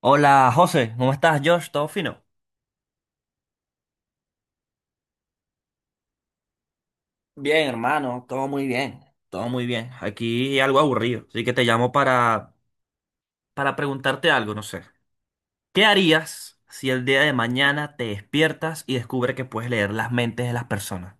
Hola José, ¿cómo estás, Josh? ¿Todo fino? Bien, hermano, todo muy bien. Todo muy bien. Aquí algo aburrido, así que te llamo para preguntarte algo, no sé. ¿Qué harías si el día de mañana te despiertas y descubres que puedes leer las mentes de las personas?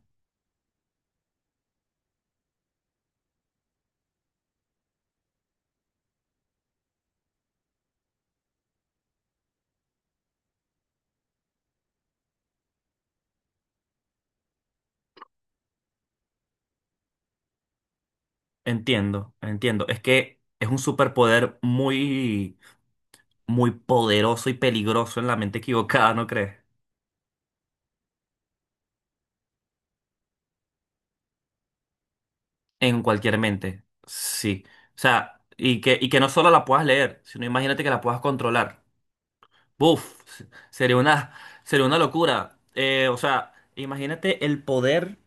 Entiendo, entiendo. Es que es un superpoder muy poderoso y peligroso en la mente equivocada, ¿no crees? En cualquier mente, sí. O sea, y que no solo la puedas leer, sino imagínate que la puedas controlar. Buf, sería una, sería una locura. O sea, imagínate el poder.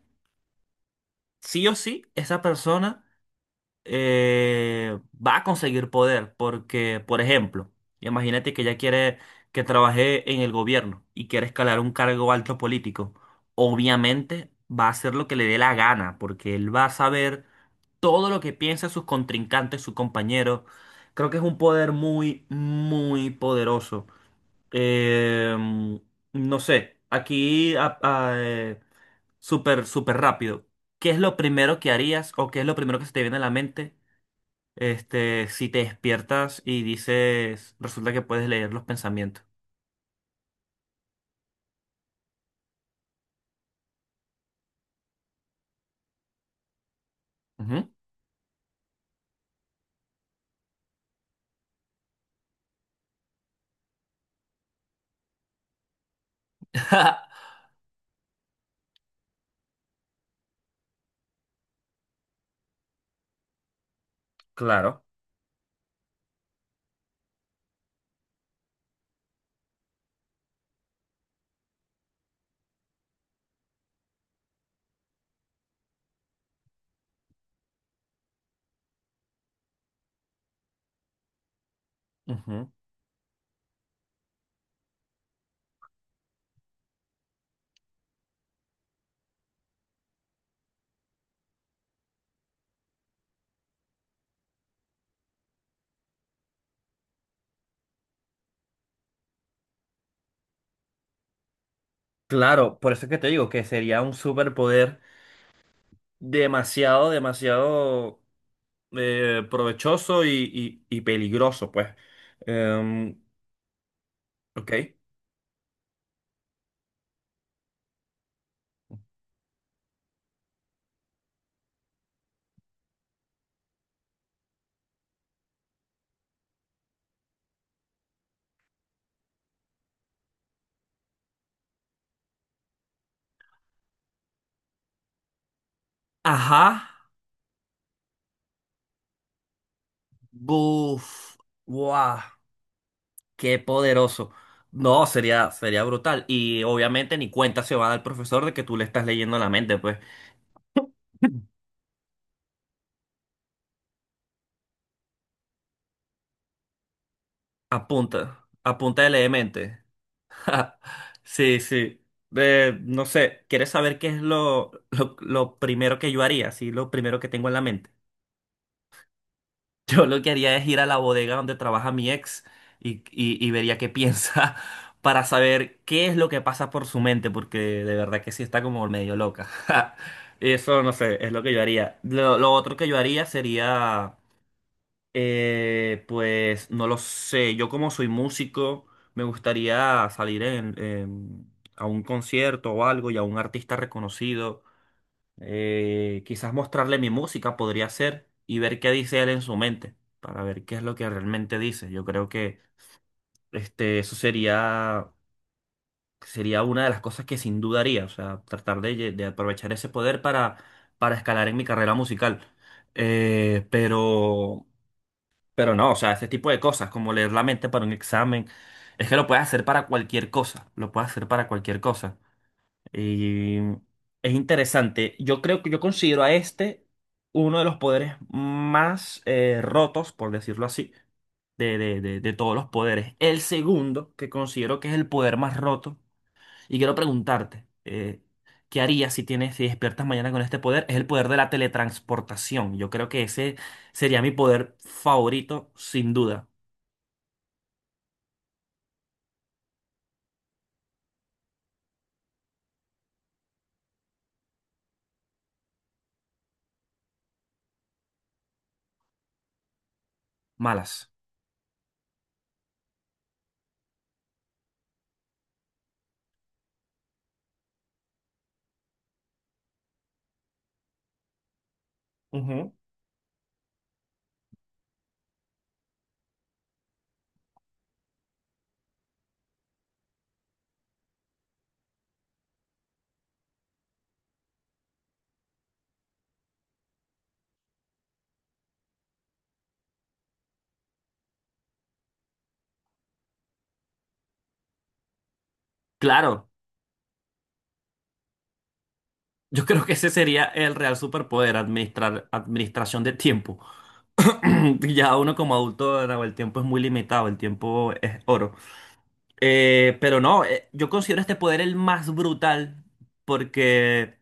Sí o sí, esa persona eh, va a conseguir poder. Porque, por ejemplo, imagínate que ella quiere que trabaje en el gobierno y quiere escalar un cargo alto político. Obviamente va a hacer lo que le dé la gana, porque él va a saber todo lo que piensa sus contrincantes, sus compañeros. Creo que es un poder muy poderoso. Eh, no sé, súper, súper rápido. ¿Qué es lo primero que harías o qué es lo primero que se te viene a la mente, si te despiertas y dices, resulta que puedes leer los pensamientos? Ujú. Claro, ujú. Claro, por eso es que te digo que sería un superpoder demasiado provechoso y peligroso, pues. Em, ok. Ajá. Buf, ¡guau, qué poderoso! No, sería brutal. Y obviamente ni cuenta se va a dar el profesor de que tú le estás leyendo la mente, pues. Apunta de leer mente. Sí, sí. No sé, ¿quieres saber qué es lo primero que yo haría? Sí, lo primero que tengo en la mente. Yo lo que haría es ir a la bodega donde trabaja mi ex y vería qué piensa para saber qué es lo que pasa por su mente, porque de verdad que sí está como medio loca. Eso no sé, es lo que yo haría. Lo otro que yo haría sería, pues, no lo sé, yo como soy músico, me gustaría salir a un concierto o algo y a un artista reconocido. Quizás mostrarle mi música podría ser y ver qué dice él en su mente, para ver qué es lo que realmente dice. Yo creo que eso sería, sería una de las cosas que sin duda haría, o sea, tratar de, de aprovechar ese poder para escalar en mi carrera musical. Eh, pero, pero no, o sea, ese tipo de cosas, como leer la mente para un examen, es que lo puedes hacer para cualquier cosa, lo puedes hacer para cualquier cosa. Y es interesante. Yo creo que yo considero a este uno de los poderes más rotos, por decirlo así, de todos los poderes. El segundo, que considero que es el poder más roto, y quiero preguntarte, ¿qué harías si tienes, si despiertas mañana con este poder? Es el poder de la teletransportación. Yo creo que ese sería mi poder favorito, sin duda. Malas. Ujú. Claro. Yo creo que ese sería el real superpoder, administrar, administración de tiempo. Ya uno como adulto, Nahuel, el tiempo es muy limitado, el tiempo es oro. Pero no, yo considero este poder el más brutal porque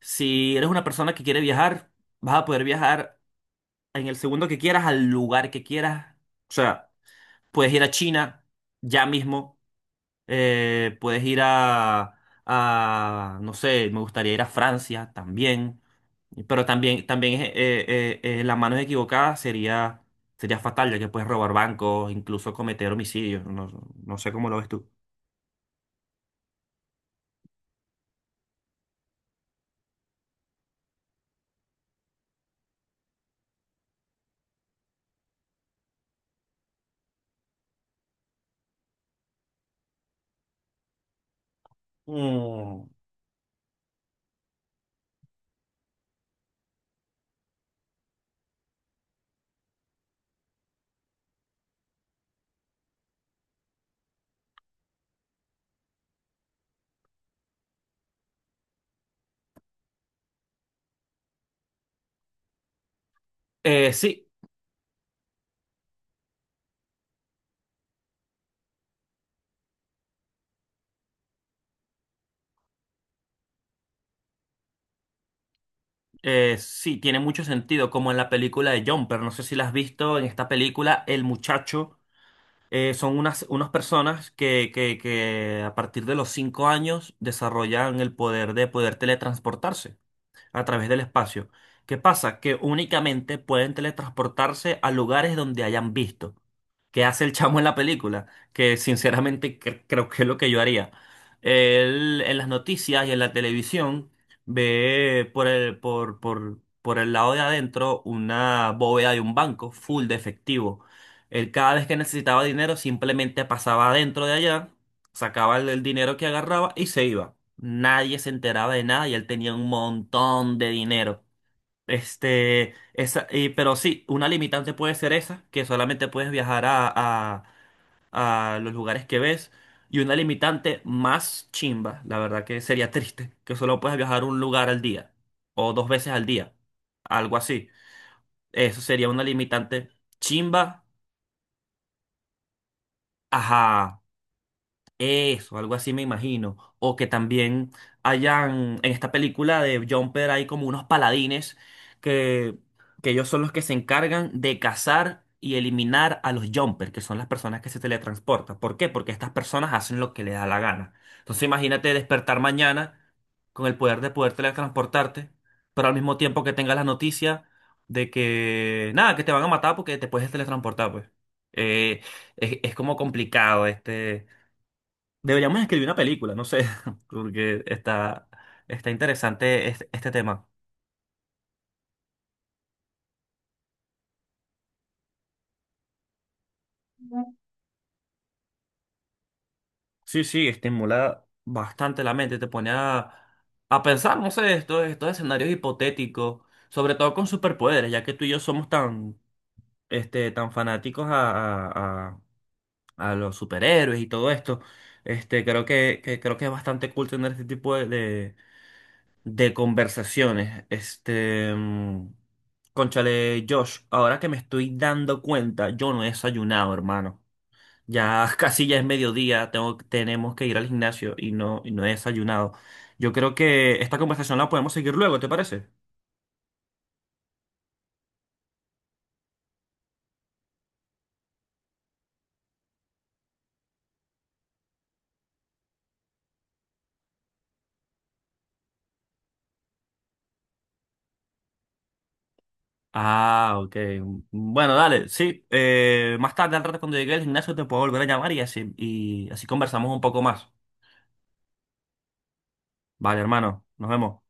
si eres una persona que quiere viajar, vas a poder viajar en el segundo que quieras, al lugar que quieras. O sea, puedes ir a China ya mismo, puedes ir no sé, me gustaría ir a Francia también. Pero también las manos equivocadas sería, sería fatal, ya que puedes robar bancos, incluso cometer homicidios. No, no sé cómo lo ves tú. Mm. Sí. Sí, tiene mucho sentido, como en la película de Jumper. No sé si la has visto. En esta película, el muchacho son unas personas que a partir de los 5 años desarrollan el poder de poder teletransportarse a través del espacio. ¿Qué pasa? Que únicamente pueden teletransportarse a lugares donde hayan visto. ¿Qué hace el chamo en la película? Que sinceramente creo que es lo que yo haría. Él en las noticias y en la televisión ve por el lado de adentro una bóveda de un banco full de efectivo. Él cada vez que necesitaba dinero simplemente pasaba adentro de allá, sacaba el dinero que agarraba y se iba. Nadie se enteraba de nada y él tenía un montón de dinero. Pero sí, una limitante puede ser esa, que solamente puedes viajar a los lugares que ves. Y una limitante más chimba, la verdad que sería triste, que solo puedes viajar un lugar al día o dos veces al día, algo así. Eso sería una limitante chimba, ajá. Eso, algo así me imagino. O que también hayan, en esta película de Jumper, hay como unos paladines que, que ellos son los que se encargan de cazar y eliminar a los Jumper, que son las personas que se teletransportan. ¿Por qué? Porque estas personas hacen lo que les da la gana. Entonces imagínate despertar mañana con el poder de poder teletransportarte, pero al mismo tiempo que tengas la noticia de que, nada, que te van a matar porque te puedes teletransportar, pues. Eh, es como complicado deberíamos escribir una película, no sé, porque está, está interesante este tema. Sí, sí, estimula bastante la mente, te pone a pensar, no sé, estos escenarios hipotéticos, sobre todo con superpoderes, ya que tú y yo somos tan, tan fanáticos a, a- a los superhéroes y todo esto. Creo que, creo que es bastante cool tener este tipo de conversaciones. Cónchale, Josh, ahora que me estoy dando cuenta, yo no he desayunado, hermano. Ya casi ya es mediodía, tenemos que ir al gimnasio y no he desayunado. Yo creo que esta conversación la podemos seguir luego, ¿te parece? Ah, ok. Bueno, dale, sí. Más tarde, al rato, cuando llegue al gimnasio, te puedo volver a llamar y así conversamos un poco más. Vale, hermano, nos vemos.